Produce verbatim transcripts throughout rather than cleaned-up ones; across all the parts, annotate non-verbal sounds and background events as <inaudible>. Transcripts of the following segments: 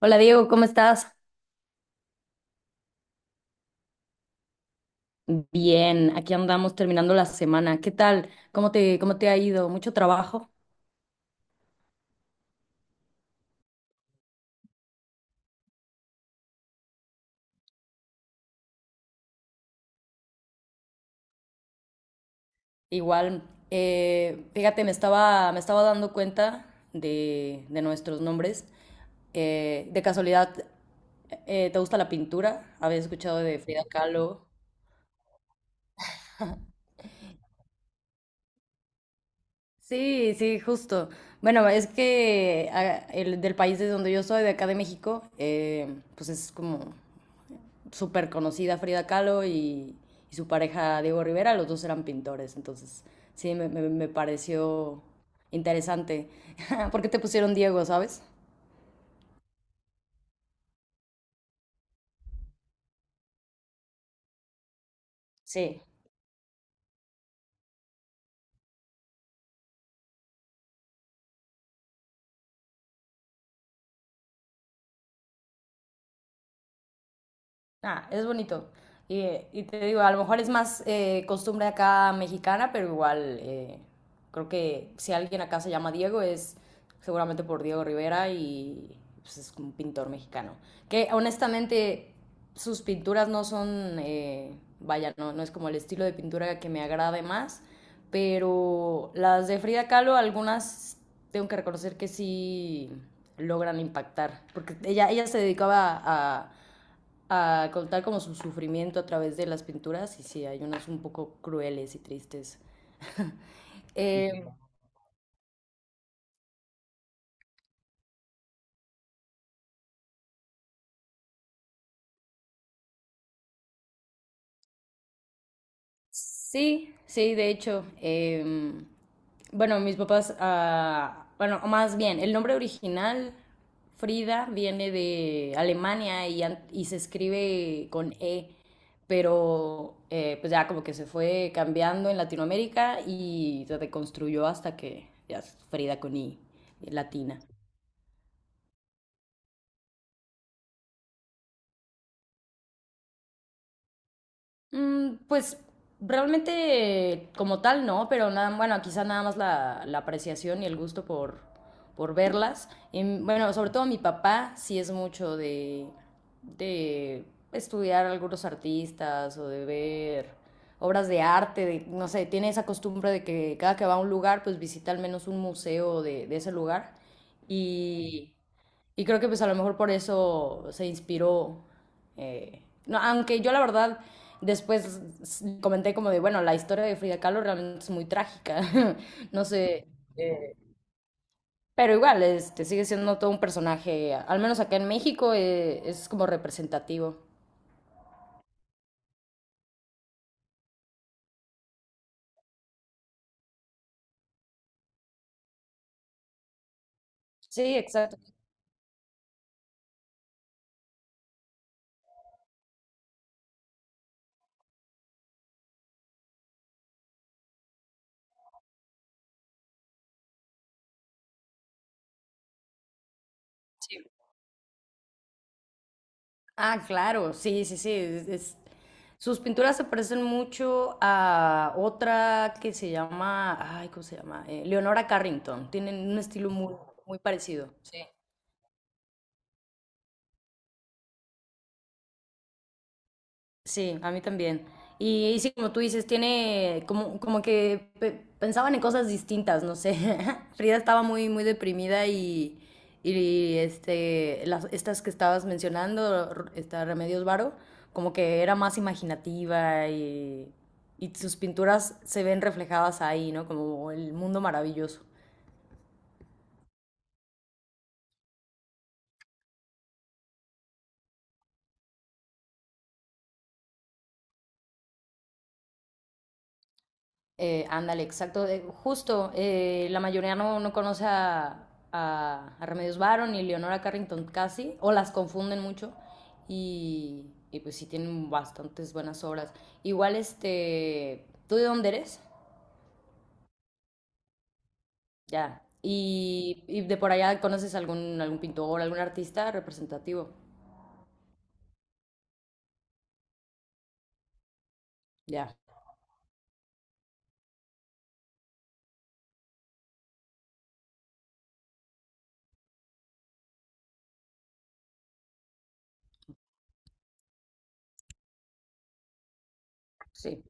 Hola Diego, ¿cómo estás? Bien, aquí andamos terminando la semana. ¿Qué tal? ¿Cómo te, cómo te ha ido? ¿Mucho trabajo? Igual, eh, fíjate, me estaba, me estaba dando cuenta de, de nuestros nombres. Eh, de casualidad, eh, ¿te gusta la pintura? ¿Habías escuchado de Frida Kahlo? Sí, sí, justo. Bueno, es que ah, el del país de donde yo soy, de acá de México, eh, pues es como súper conocida Frida Kahlo y, y su pareja Diego Rivera, los dos eran pintores, entonces sí, me, me, me pareció interesante. <laughs> ¿Por qué te pusieron Diego, sabes? Sí. Ah, es bonito. Y, eh, y te digo, a lo mejor es más eh, costumbre acá mexicana, pero igual eh, creo que si alguien acá se llama Diego es seguramente por Diego Rivera y pues, es un pintor mexicano. Que honestamente sus pinturas no son, eh, vaya, no, no es como el estilo de pintura que me agrade más, pero las de Frida Kahlo, algunas tengo que reconocer que sí logran impactar, porque ella, ella se dedicaba a a contar como su sufrimiento a través de las pinturas y sí, hay unas un poco crueles y tristes. Eh, sí, sí, de hecho, eh, bueno, mis papás, ah, bueno, o más bien, el nombre original, Frida, viene de Alemania y, an- y se escribe con E, pero eh, pues ya como que se fue cambiando en Latinoamérica y se reconstruyó hasta que ya es Frida con I, latina. Mm, pues realmente como tal no, pero nada, bueno, quizá nada más la, la apreciación y el gusto por, por verlas. Y, bueno, sobre todo mi papá sí es mucho de, de estudiar algunos artistas o de ver obras de arte, de- no sé, tiene esa costumbre de que cada que va a un lugar, pues visita al menos un museo de, de ese lugar. Y, y creo que pues a lo mejor por eso se inspiró. Eh, no, aunque yo la verdad después comenté como de, bueno, la historia de Frida Kahlo realmente es muy trágica. <laughs> No sé. Pero igual, este, sigue siendo todo un personaje, al menos acá en México, eh, es como representativo. Sí, exacto. Sí. Ah, claro, sí, sí, sí. es- es- Sus pinturas se parecen mucho a otra que se llama, ay, ¿cómo se llama? Eh, Leonora Carrington. Tienen un estilo muy, muy parecido. Sí. Sí, a mí también. Y, y sí, como tú dices, tiene como, como que pe- pensaban en cosas distintas, no sé. <laughs> Frida estaba muy, muy deprimida y, y este, las, estas que estabas mencionando, R- esta Remedios Varo, como que era más imaginativa y, y sus pinturas se ven reflejadas ahí, ¿no? Como el mundo maravilloso. Eh, ándale, exacto. Eh, justo, eh, la mayoría no, no conoce a, a- a Remedios Varo ni Leonora Carrington casi, o las confunden mucho, y, y pues sí tienen bastantes buenas obras. Igual, este, ¿tú de dónde eres? Ya. ¿Y, y de por allá conoces algún, algún pintor, algún artista representativo? Ya, sí,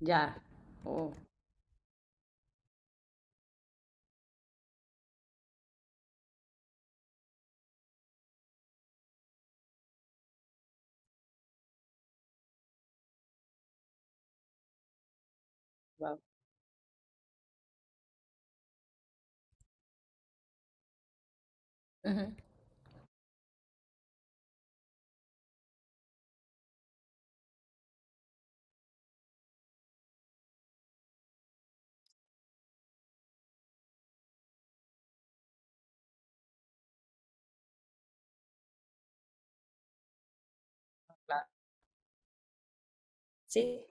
ya. Oh, wow. Ujú. Sí.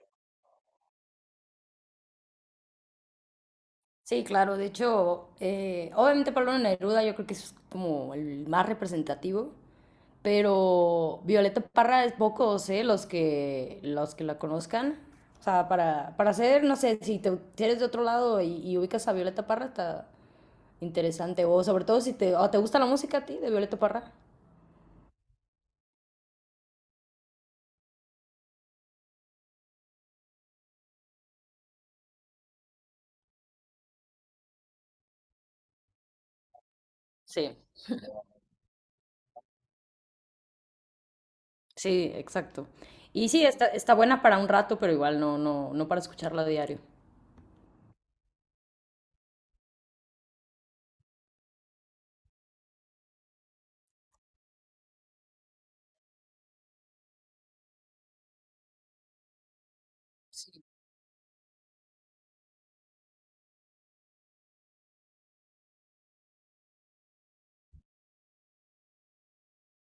Sí, claro, de hecho, eh, obviamente Pablo Neruda yo creo que es como el más representativo, pero Violeta Parra es pocos, ¿eh? Los que, los que la conozcan. O sea, para, para hacer, no sé, si, te, si eres de otro lado y, y ubicas a Violeta Parra, está interesante. O sobre todo si te, o te gusta la música a ti de Violeta Parra. Sí, sí, exacto. Y sí, está, está buena para un rato, pero igual no, no, no para escucharla a diario.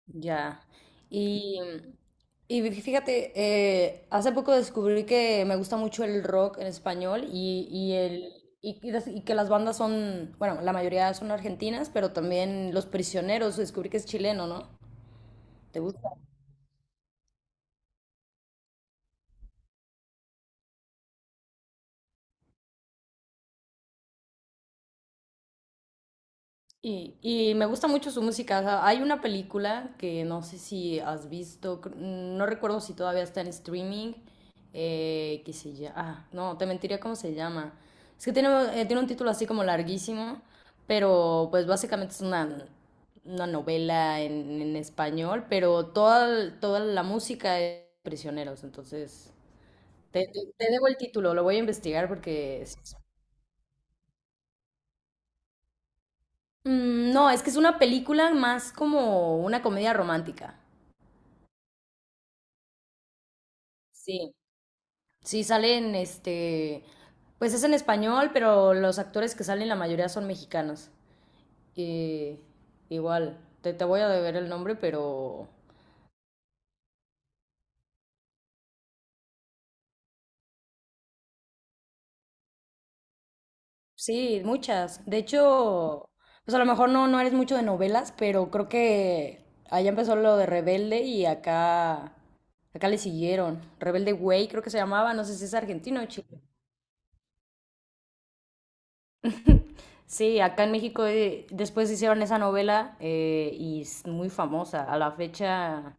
Ya. Y, y fíjate, eh, hace poco descubrí que me gusta mucho el rock en español y, y el, y, y las- y que las bandas son, bueno, la mayoría son argentinas, pero también Los Prisioneros, descubrí que es chileno, ¿no? ¿Te gusta? Y, y me gusta mucho su música. O sea, hay una película que no sé si has visto, cr- no recuerdo si todavía está en streaming, eh, que se llama... Ah, no, te mentiría cómo se llama. Es que tiene, eh, tiene un título así como larguísimo, pero pues básicamente es una, una novela en, en español, pero toda, toda la música es de prisioneros. Entonces, te, te te debo el título, lo voy a investigar porque... sí. Mm, no, es que es una película más como una comedia romántica. Sí. Sí, salen, este, pues es en español, pero los actores que salen la mayoría son mexicanos. Eh, igual, te, te voy a deber el nombre, pero sí, muchas. De hecho, pues a lo mejor no, no eres mucho de novelas, pero creo que allá empezó lo de Rebelde y acá, acá le siguieron. Rebelde Way creo que se llamaba, no sé si es argentino o chileno. Sí, acá en México eh, después hicieron esa novela eh, y es muy famosa. A la fecha,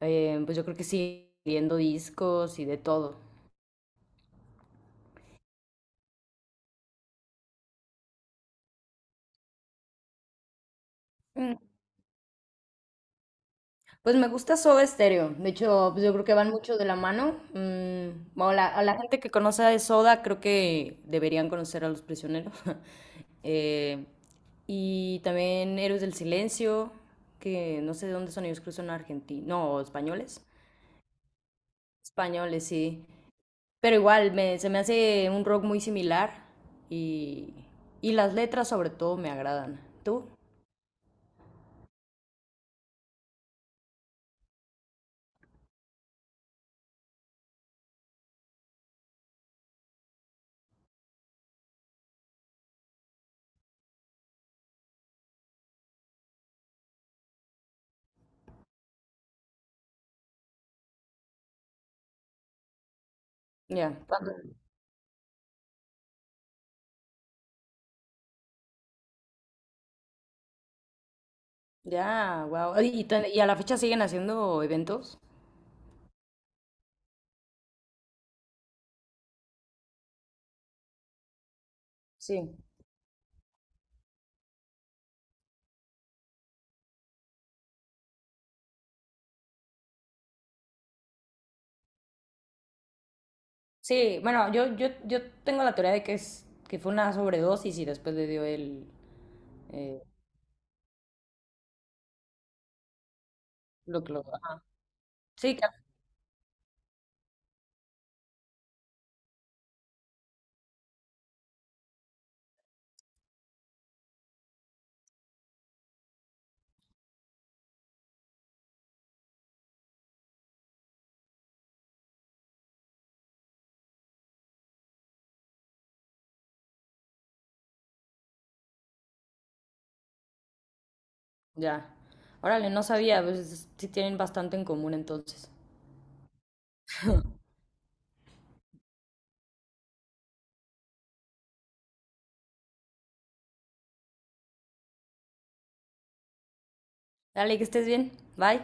eh, pues yo creo que sigue viendo discos y de todo. Mm, pues me gusta Soda Stereo. De hecho, pues yo creo que van mucho de la mano. Mm, bueno, la- a la gente que conoce de Soda, creo que deberían conocer a Los Prisioneros. <laughs> Eh, y también Héroes del Silencio, que no sé de dónde son ellos, creo que son argentinos, no, españoles. Españoles, sí. Pero igual, me, se me hace un rock muy similar y, y las letras sobre todo me agradan. ¿Tú? Ya, ¿cuánto? Ya, wow. ¿Y, tan- y a la fecha siguen haciendo eventos? Sí. Sí, bueno, yo, yo, yo tengo la teoría de que es que fue una sobredosis y después le dio el eh, lo que lo. Ajá. Sí, ca- ya. Órale, no sabía, pues sí tienen bastante en común entonces. Dale, que estés bien. Bye.